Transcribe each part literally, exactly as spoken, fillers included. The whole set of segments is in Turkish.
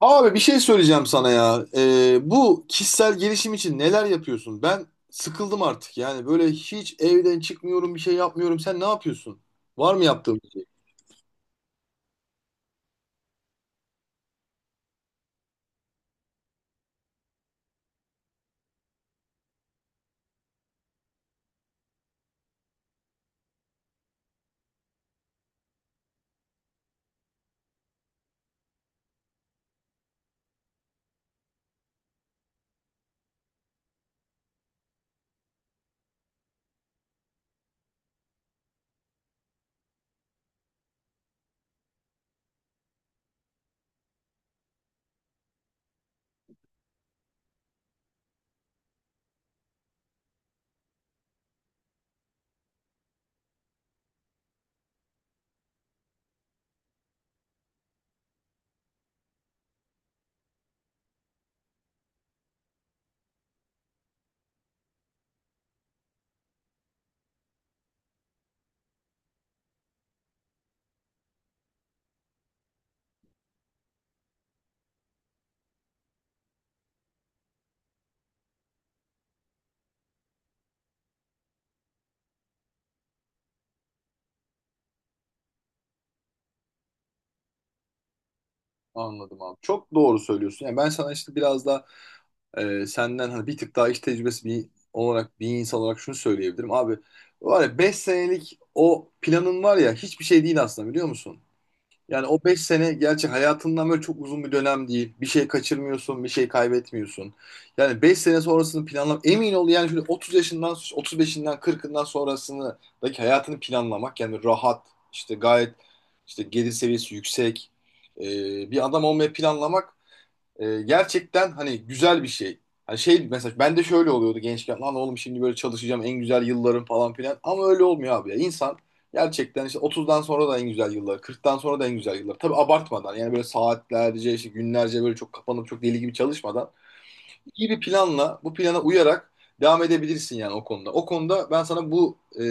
Abi bir şey söyleyeceğim sana ya. Ee, bu kişisel gelişim için neler yapıyorsun? Ben sıkıldım artık. Yani böyle hiç evden çıkmıyorum, bir şey yapmıyorum. Sen ne yapıyorsun? Var mı yaptığın bir şey? Anladım abi. Çok doğru söylüyorsun. Yani ben sana işte biraz da e, senden hani bir tık daha iş tecrübesi bir olarak bir insan olarak şunu söyleyebilirim. Abi var ya, beş senelik o planın var ya, hiçbir şey değil aslında, biliyor musun? Yani o beş sene gerçi hayatından böyle çok uzun bir dönem değil. Bir şey kaçırmıyorsun, bir şey kaybetmiyorsun. Yani beş sene sonrasını planlam, emin ol, yani şöyle otuz yaşından, otuz beşinden, kırkından sonrasındaki hayatını planlamak, yani rahat işte, gayet işte gelir seviyesi yüksek e, bir adam olmayı planlamak e, gerçekten hani güzel bir şey. Hani şey, mesela ben de şöyle oluyordu gençken. Lan oğlum, şimdi böyle çalışacağım, en güzel yıllarım falan filan. Ama öyle olmuyor abi ya. İnsan gerçekten işte otuzdan sonra da en güzel yılları, kırktan sonra da en güzel yılları. Tabii abartmadan, yani böyle saatlerce işte, günlerce böyle çok kapanıp çok deli gibi çalışmadan, iyi bir planla, bu plana uyarak devam edebilirsin yani o konuda. O konuda ben sana bu e,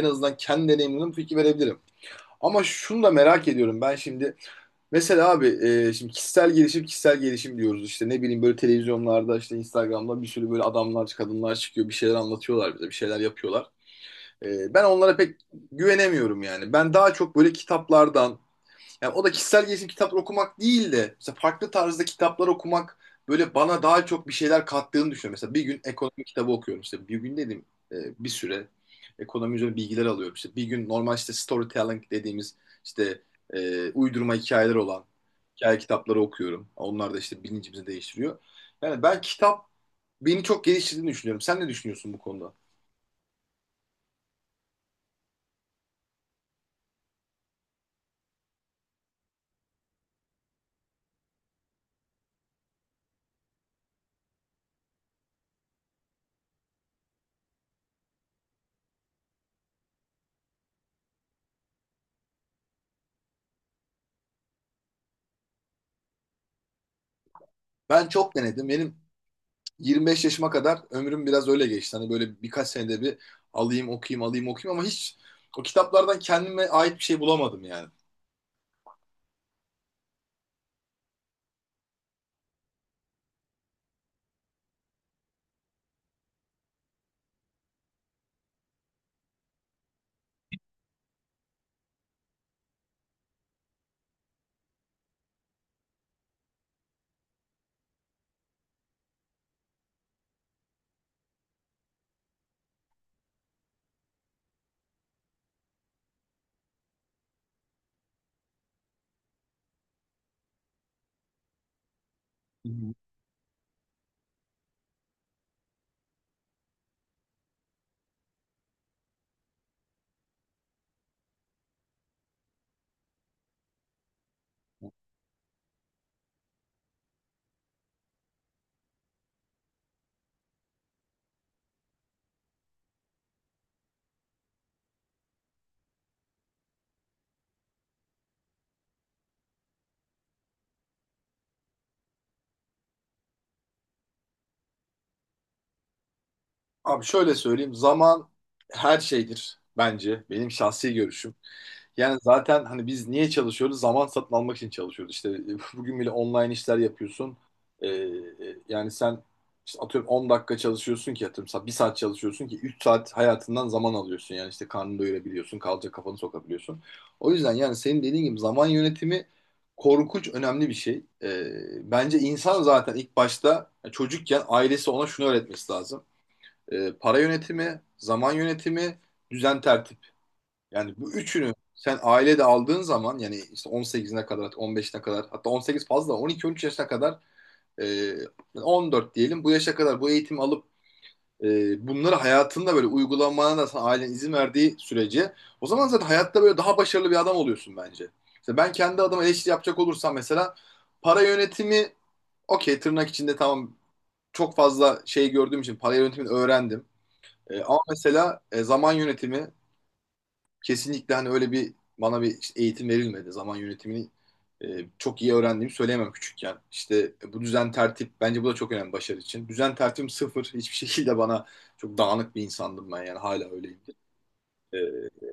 en azından kendi deneyimimden fikir verebilirim. Ama şunu da merak ediyorum ben şimdi. Mesela abi, e, şimdi kişisel gelişim kişisel gelişim diyoruz, işte ne bileyim, böyle televizyonlarda, işte Instagram'da bir sürü böyle adamlar, kadınlar çıkıyor, bir şeyler anlatıyorlar bize, bir şeyler yapıyorlar. E, ben onlara pek güvenemiyorum yani. Ben daha çok böyle kitaplardan, yani o da kişisel gelişim kitapları okumak değil de mesela farklı tarzda kitaplar okumak böyle bana daha çok bir şeyler kattığını düşünüyorum. Mesela bir gün ekonomi kitabı okuyorum, işte bir gün dedim e, bir süre ekonomi üzerine bilgiler alıyorum, işte bir gün normal işte storytelling dediğimiz işte e, uydurma hikayeler olan hikaye kitapları okuyorum. Onlar da işte bilincimizi değiştiriyor. Yani ben kitap beni çok geliştirdiğini düşünüyorum. Sen ne düşünüyorsun bu konuda? Ben çok denedim. Benim yirmi beş yaşıma kadar ömrüm biraz öyle geçti. Hani böyle birkaç senede bir alayım okuyayım, alayım okuyayım, ama hiç o kitaplardan kendime ait bir şey bulamadım yani. Hı hı. Abi şöyle söyleyeyim, zaman her şeydir bence, benim şahsi görüşüm. Yani zaten hani biz niye çalışıyoruz? Zaman satın almak için çalışıyoruz. İşte bugün bile online işler yapıyorsun. Ee, e, yani sen işte atıyorum on dakika çalışıyorsun ki, atıyorum sa- bir saat çalışıyorsun ki üç saat hayatından zaman alıyorsun. Yani işte karnını doyurabiliyorsun, kalacak kafanı sokabiliyorsun. O yüzden yani senin dediğin gibi zaman yönetimi korkunç önemli bir şey. Ee, bence insan zaten ilk başta, yani çocukken, ailesi ona şunu öğretmesi lazım. Ee, para yönetimi, zaman yönetimi, düzen tertip. Yani bu üçünü sen ailede aldığın zaman, yani işte on sekizine kadar, on beşine kadar, hatta on sekiz fazla, on iki on üç yaşına kadar, e, on dört diyelim, bu yaşa kadar bu eğitimi alıp e, bunları hayatında böyle uygulamana da sana ailen izin verdiği sürece, o zaman zaten hayatta böyle daha başarılı bir adam oluyorsun bence. İşte ben kendi adıma eleştiri yapacak olursam, mesela para yönetimi, okey, tırnak içinde, tamam, çok fazla şey gördüğüm için para yönetimini öğrendim. E, ama mesela e, zaman yönetimi, kesinlikle hani öyle bir bana bir işte eğitim verilmedi. Zaman yönetimini e, çok iyi öğrendiğimi söyleyemem küçükken. İşte e, bu düzen tertip, bence bu da çok önemli başarı için. Düzen tertibim sıfır. Hiçbir şekilde bana, çok dağınık bir insandım ben, yani hala öyleyim. E,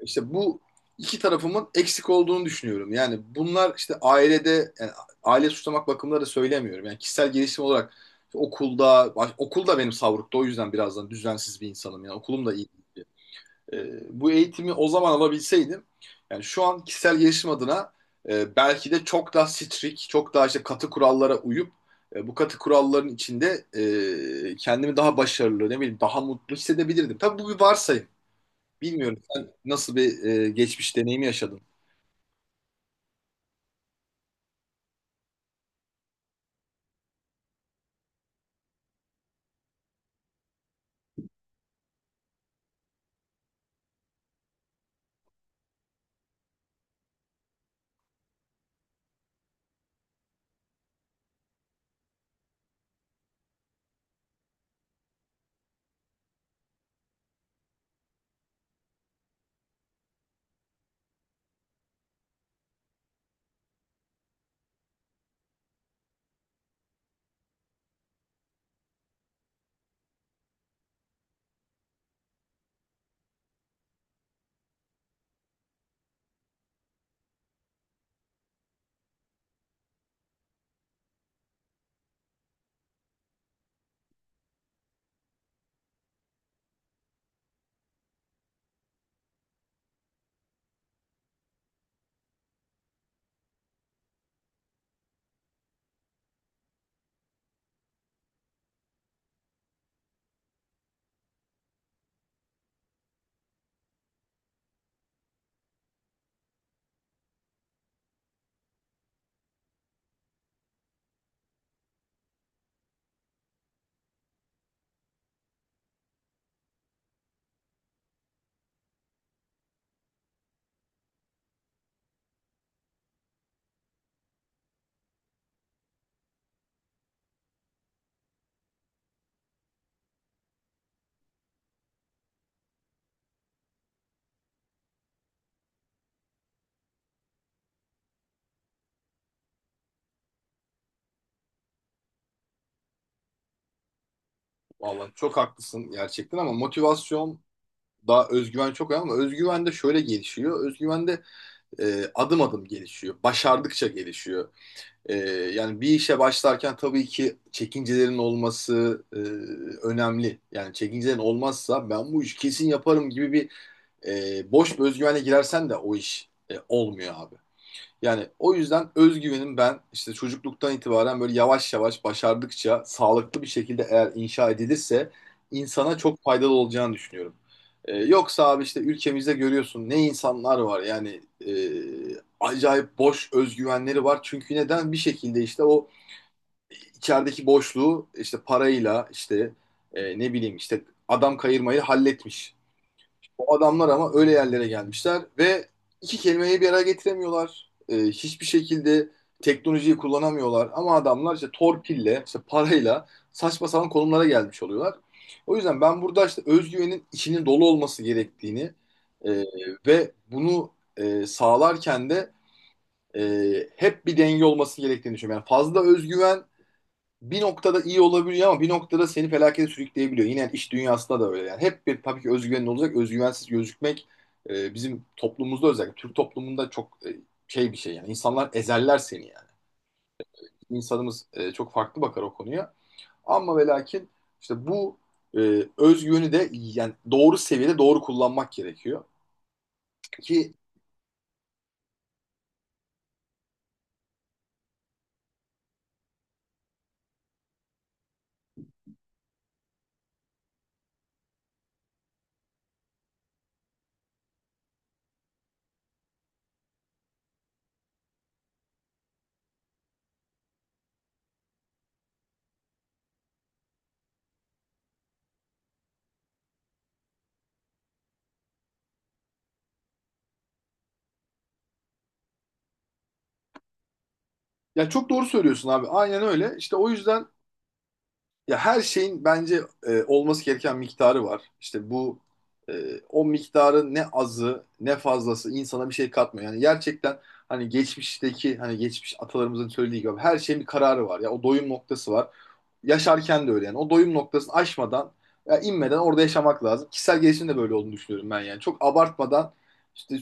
işte bu iki tarafımın eksik olduğunu düşünüyorum. Yani bunlar işte ailede, yani aile suçlamak bakımında da söylemiyorum. Yani kişisel gelişim olarak okulda okulda benim savrukta, o yüzden birazdan düzensiz bir insanım, yani okulum da iyi, e, bu eğitimi o zaman alabilseydim, yani şu an kişisel gelişim adına e, belki de çok daha strict, çok daha işte katı kurallara uyup e, bu katı kuralların içinde e, kendimi daha başarılı, ne bileyim daha mutlu hissedebilirdim. Tabii bu bir varsayım. Bilmiyorum sen nasıl bir e, geçmiş deneyimi yaşadın. Vallahi çok haklısın gerçekten, ama motivasyon, daha özgüven çok önemli, ama özgüven de şöyle gelişiyor. Özgüven de e, adım adım gelişiyor. Başardıkça gelişiyor. Ee, yani bir işe başlarken tabii ki çekincelerin olması e, önemli. Yani çekincelerin olmazsa, ben bu işi kesin yaparım gibi bir e, boş bir özgüvenle girersen de o iş e, olmuyor abi. Yani o yüzden özgüvenim, ben işte çocukluktan itibaren böyle yavaş yavaş başardıkça sağlıklı bir şekilde eğer inşa edilirse insana çok faydalı olacağını düşünüyorum. Ee, yoksa abi işte ülkemizde görüyorsun ne insanlar var yani, e, acayip boş özgüvenleri var. Çünkü neden, bir şekilde işte o içerideki boşluğu işte parayla, işte e, ne bileyim işte adam kayırmayı halletmiş. O adamlar ama öyle yerlere gelmişler ve iki kelimeyi bir araya getiremiyorlar. Ee, hiçbir şekilde teknolojiyi kullanamıyorlar. Ama adamlar işte torpille, işte parayla saçma sapan konumlara gelmiş oluyorlar. O yüzden ben burada işte özgüvenin içinin dolu olması gerektiğini e, ve bunu e, sağlarken de e, hep bir denge olması gerektiğini düşünüyorum. Yani fazla özgüven bir noktada iyi olabiliyor, ama bir noktada seni felakete sürükleyebiliyor. Yine iş dünyasında da öyle. Yani hep bir tabii ki özgüvenin olacak. Özgüvensiz gözükmek e, bizim toplumumuzda, özellikle Türk toplumunda çok e, şey bir şey yani. İnsanlar ezerler seni yani. İnsanımız e, çok farklı bakar o konuya. Ama ve lakin, işte bu e, özgüveni de yani doğru seviyede doğru kullanmak gerekiyor. Ki yani çok doğru söylüyorsun abi. Aynen öyle. İşte o yüzden. Ya, her şeyin bence e, olması gereken miktarı var. İşte bu e, o miktarın ne azı ne fazlası insana bir şey katmıyor. Yani gerçekten hani geçmişteki hani geçmiş atalarımızın söylediği gibi her şeyin bir kararı var. Ya o doyum noktası var. Yaşarken de öyle yani. O doyum noktasını aşmadan, ya inmeden orada yaşamak lazım. Kişisel gelişim de böyle olduğunu düşünüyorum ben yani. Çok abartmadan, işte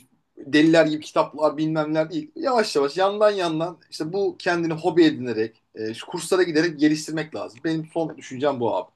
deliler gibi kitaplar bilmem neler değil. Yavaş yavaş, yandan yandan işte bu kendini hobi edinerek e, şu kurslara giderek geliştirmek lazım. Benim son düşüncem bu abi.